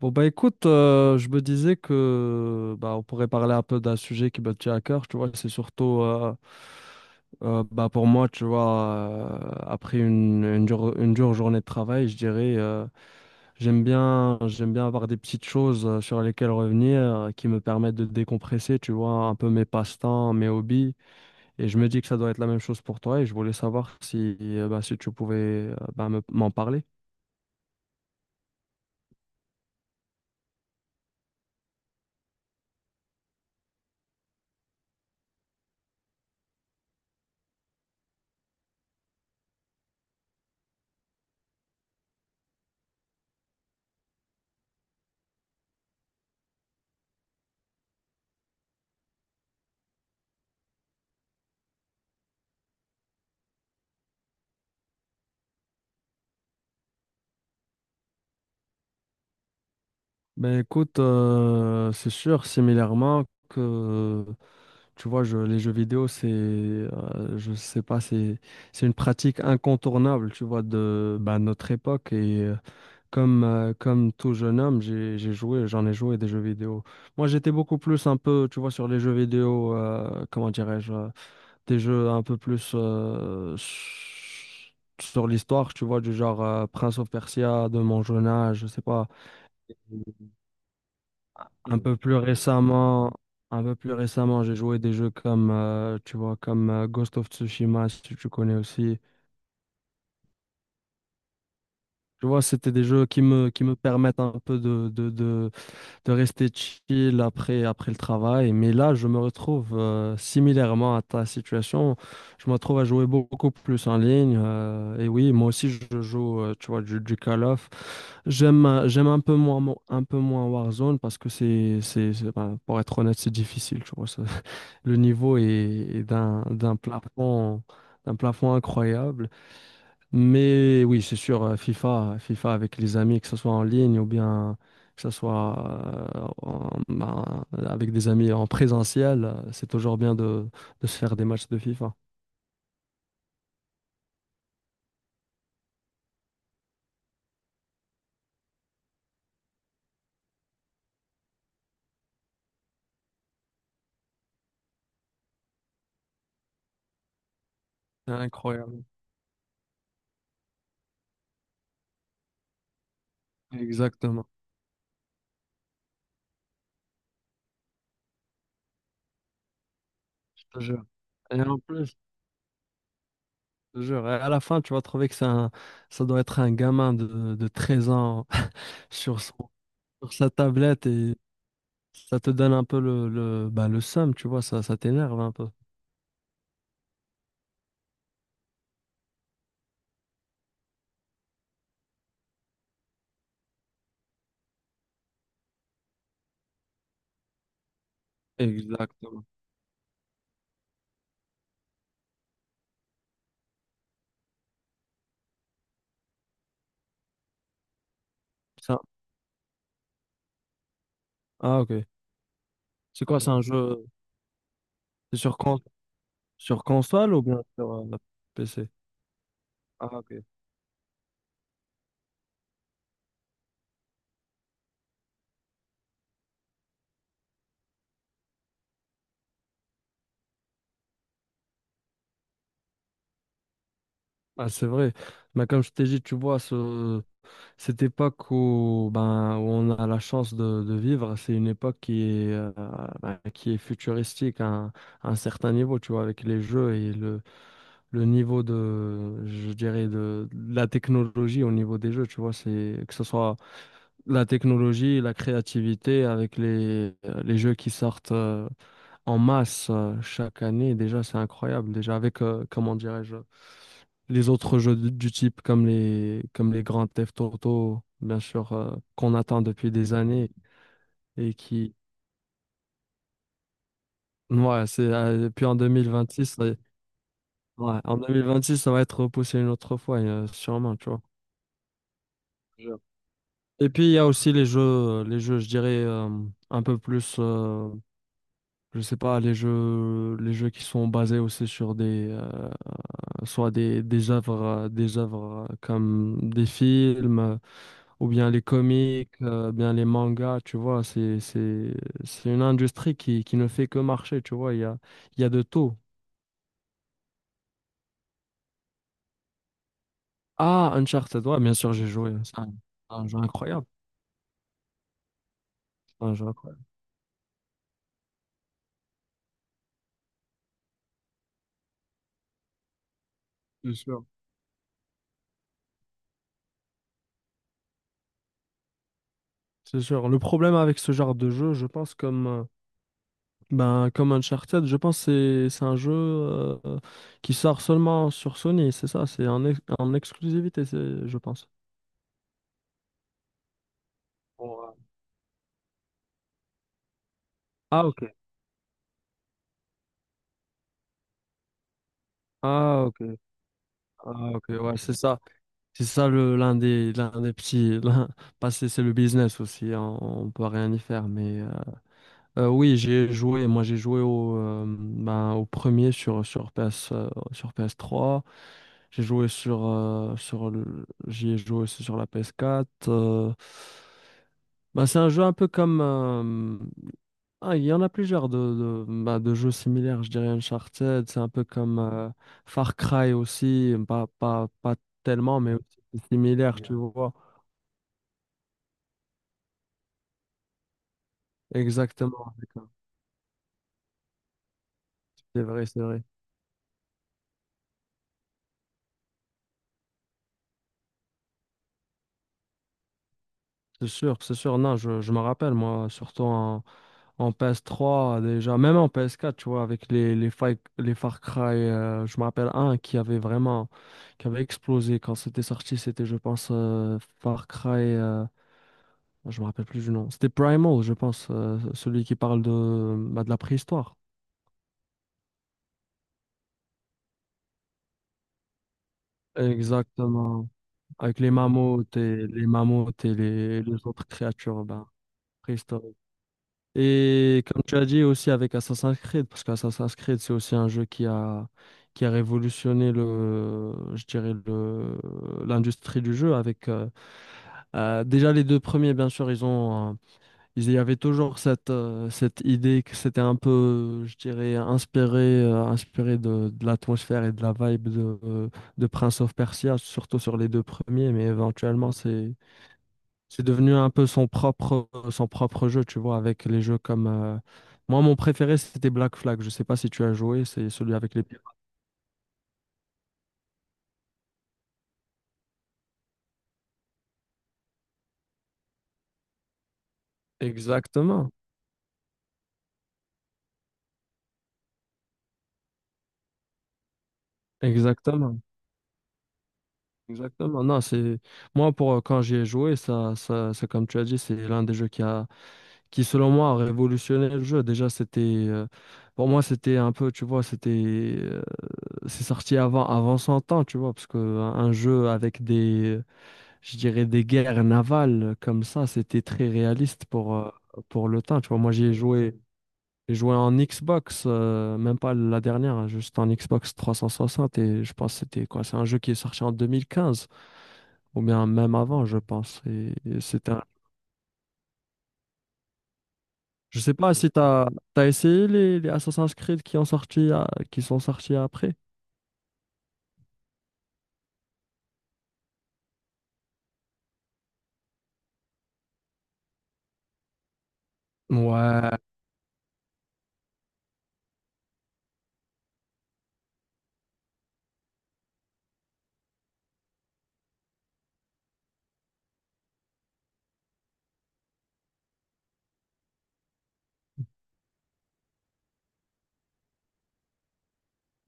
Bon, bah écoute, je me disais que bah, on pourrait parler un peu d'un sujet qui me tient à cœur, tu vois. C'est surtout pour moi, tu vois, après une dure journée de travail, je dirais, j'aime bien avoir des petites choses sur lesquelles revenir qui me permettent de décompresser, tu vois, un peu mes passe-temps, mes hobbies, et je me dis que ça doit être la même chose pour toi, et je voulais savoir si, si tu pouvais m'en parler. Ben écoute, c'est sûr, que, tu vois, les jeux vidéo, c'est, je sais pas, c'est une pratique incontournable, tu vois, de ben, notre époque. Et comme tout jeune homme, j'ai joué, j'en ai joué des jeux vidéo. Moi, j'étais beaucoup plus un peu, tu vois, sur les jeux vidéo, comment dirais-je, des jeux un peu plus sur l'histoire, tu vois, du genre Prince of Persia de mon jeune âge, je sais pas. Un peu plus récemment, un peu plus récemment, j'ai joué des jeux comme, Ghost of Tsushima, si tu connais aussi. Tu vois, c'était des jeux qui me permettent un peu de rester chill après, après le travail. Mais là, je me retrouve similairement à ta situation. Je me retrouve à jouer beaucoup plus en ligne. Et oui, moi aussi, je joue, tu vois, du Call of. J'aime, un peu moins Warzone parce que ben, pour être honnête, c'est difficile, tu vois. Ça. Le niveau est, est d'un plafond incroyable. Mais oui, c'est sûr, FIFA avec les amis, que ce soit en ligne ou bien que ce soit ben, avec des amis en présentiel, c'est toujours bien de se faire des matchs de FIFA. C'est incroyable. Exactement, je te jure. Et en plus, je te jure, à la fin, tu vas trouver que ça doit être un gamin de 13 ans sur son- sur sa tablette et ça te donne un peu le seum, tu vois, ça t'énerve un peu. Exactement. Ça. Ah, ok. C'est quoi, c'est un jeu c'est sur, con- sur console ou bien sur PC? Ah, ok. Ah, c'est vrai. Mais comme je t'ai dit, tu vois, cette époque où, ben, où on a la chance de vivre, c'est une époque qui est, ben, qui est futuristique à un certain niveau, tu vois, avec les jeux et le niveau de, je dirais, de la technologie au niveau des jeux, tu vois, c'est que ce soit la technologie et la créativité avec les jeux qui sortent en masse chaque année, déjà c'est incroyable. Déjà avec, comment dirais-je, les autres jeux du type comme les Grand Theft Auto, bien sûr, qu'on attend depuis des années et qui, ouais, c'est, puis en 2026, ouais, en 2026, ça va être repoussé une autre fois, sûrement, tu vois. Et puis il y a aussi les jeux, je dirais, un peu plus. Je sais pas, les jeux qui sont basés aussi sur des, des œuvres, comme des films, ou bien les comics, bien les mangas, tu vois, c'est une industrie qui ne fait que marcher, tu vois, il y a de tout. Ah, Uncharted, ouais, bien sûr, j'ai joué. Un jeu incroyable. C'est un jeu incroyable. C'est sûr. C'est sûr. Le problème avec ce genre de jeu, je pense, comme, ben, comme Uncharted, je pense que c'est un jeu qui sort seulement sur Sony, c'est ça, c'est en exclusivité, je pense. Pour, ah ok, ah ok, ah ok, ouais, c'est ça. C'est ça le l'un des petits l'un- pas c'est c'est le business aussi hein, on peut rien y faire mais oui, j'ai joué au ben, au premier sur sur PS sur PS3, j'ai joué sur j'y ai joué aussi sur la PS4, bah, c'est un jeu un peu comme... ah, il y en a plusieurs de jeux similaires. Je dirais Uncharted, c'est un peu comme Far Cry aussi, pas tellement, mais aussi similaire, tu vois. Exactement. D'accord. C'est vrai, c'est vrai. C'est sûr, c'est sûr. Non, je me rappelle, moi, surtout en PS3 déjà, même en PS4, tu vois, avec les Far Cry, je me rappelle un qui avait vraiment, qui avait explosé quand c'était sorti, c'était, je pense, Far Cry. Je me rappelle plus du nom. C'était Primal, je pense, celui qui parle de, bah, de la préhistoire. Exactement. Avec les mammouths et les mammouths et les autres créatures bah, préhistoriques. Et comme tu as dit aussi avec Assassin's Creed, parce qu'Assassin's Creed, c'est aussi un jeu qui a révolutionné le, je dirais l'industrie du jeu avec déjà les deux premiers, bien sûr, ils ont... Il y avait toujours cette, cette idée que c'était un peu, je dirais, inspiré de l'atmosphère et de la vibe de Prince of Persia, surtout sur les deux premiers, mais éventuellement, c'est devenu un peu son propre jeu, tu vois, avec les jeux comme... moi, mon préféré, c'était Black Flag. Je sais pas si tu as joué, c'est celui avec les... Exactement, exactement, exactement. Non, c'est... Moi, pour, quand j'y ai joué, ça, c'est comme tu as dit, c'est l'un des jeux qui a... qui selon moi a révolutionné le jeu. Déjà, c'était pour moi c'était un peu, tu vois, c'était c'est sorti avant son temps, tu vois, parce que un jeu avec des, je dirais des guerres navales comme ça, c'était très réaliste pour le temps, tu vois. Moi, j'y ai joué, j'ai joué en Xbox, même pas la dernière, hein, juste en Xbox 360, et je pense que c'était quoi, c'est un jeu qui est sorti en 2015 ou bien même avant, je pense. Et c'était... Je sais pas si t'as essayé les Assassin's Creed qui ont qui sont sortis après. Ouais,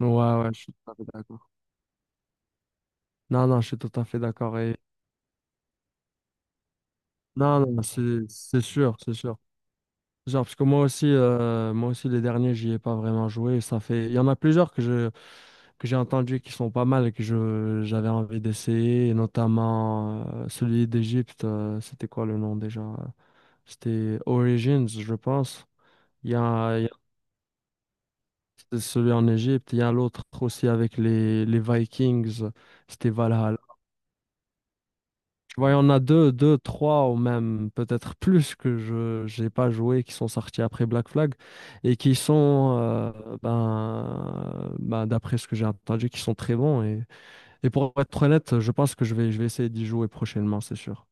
ouais, ouais, je suis tout à fait d'accord. Non, non, je suis tout à fait d'accord. Et... Non, non, c'est sûr, c'est sûr. Genre, parce que moi aussi, les derniers, j'y ai pas vraiment joué. Ça fait... Il y en a plusieurs que j'ai entendu qui sont pas mal et que je j'avais envie d'essayer, et notamment celui d'Égypte. C'était quoi le nom déjà? C'était Origins, je pense. Il y a, c'est celui en Égypte. Il y a l'autre aussi avec les Vikings. C'était Valhalla. Tu vois, il y en a deux, trois ou même peut-être plus que je j'ai pas joué qui sont sortis après Black Flag et qui sont, ben, d'après ce que j'ai entendu, qui sont très bons. Et pour être honnête, je pense que je vais essayer d'y jouer prochainement, c'est sûr.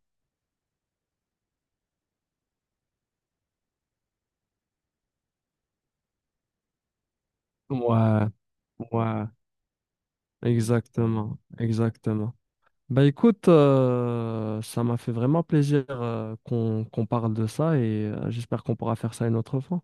Ouais, ouais, exactement, exactement. Bah écoute, ça m'a fait vraiment plaisir qu'on parle de ça et j'espère qu'on pourra faire ça une autre fois.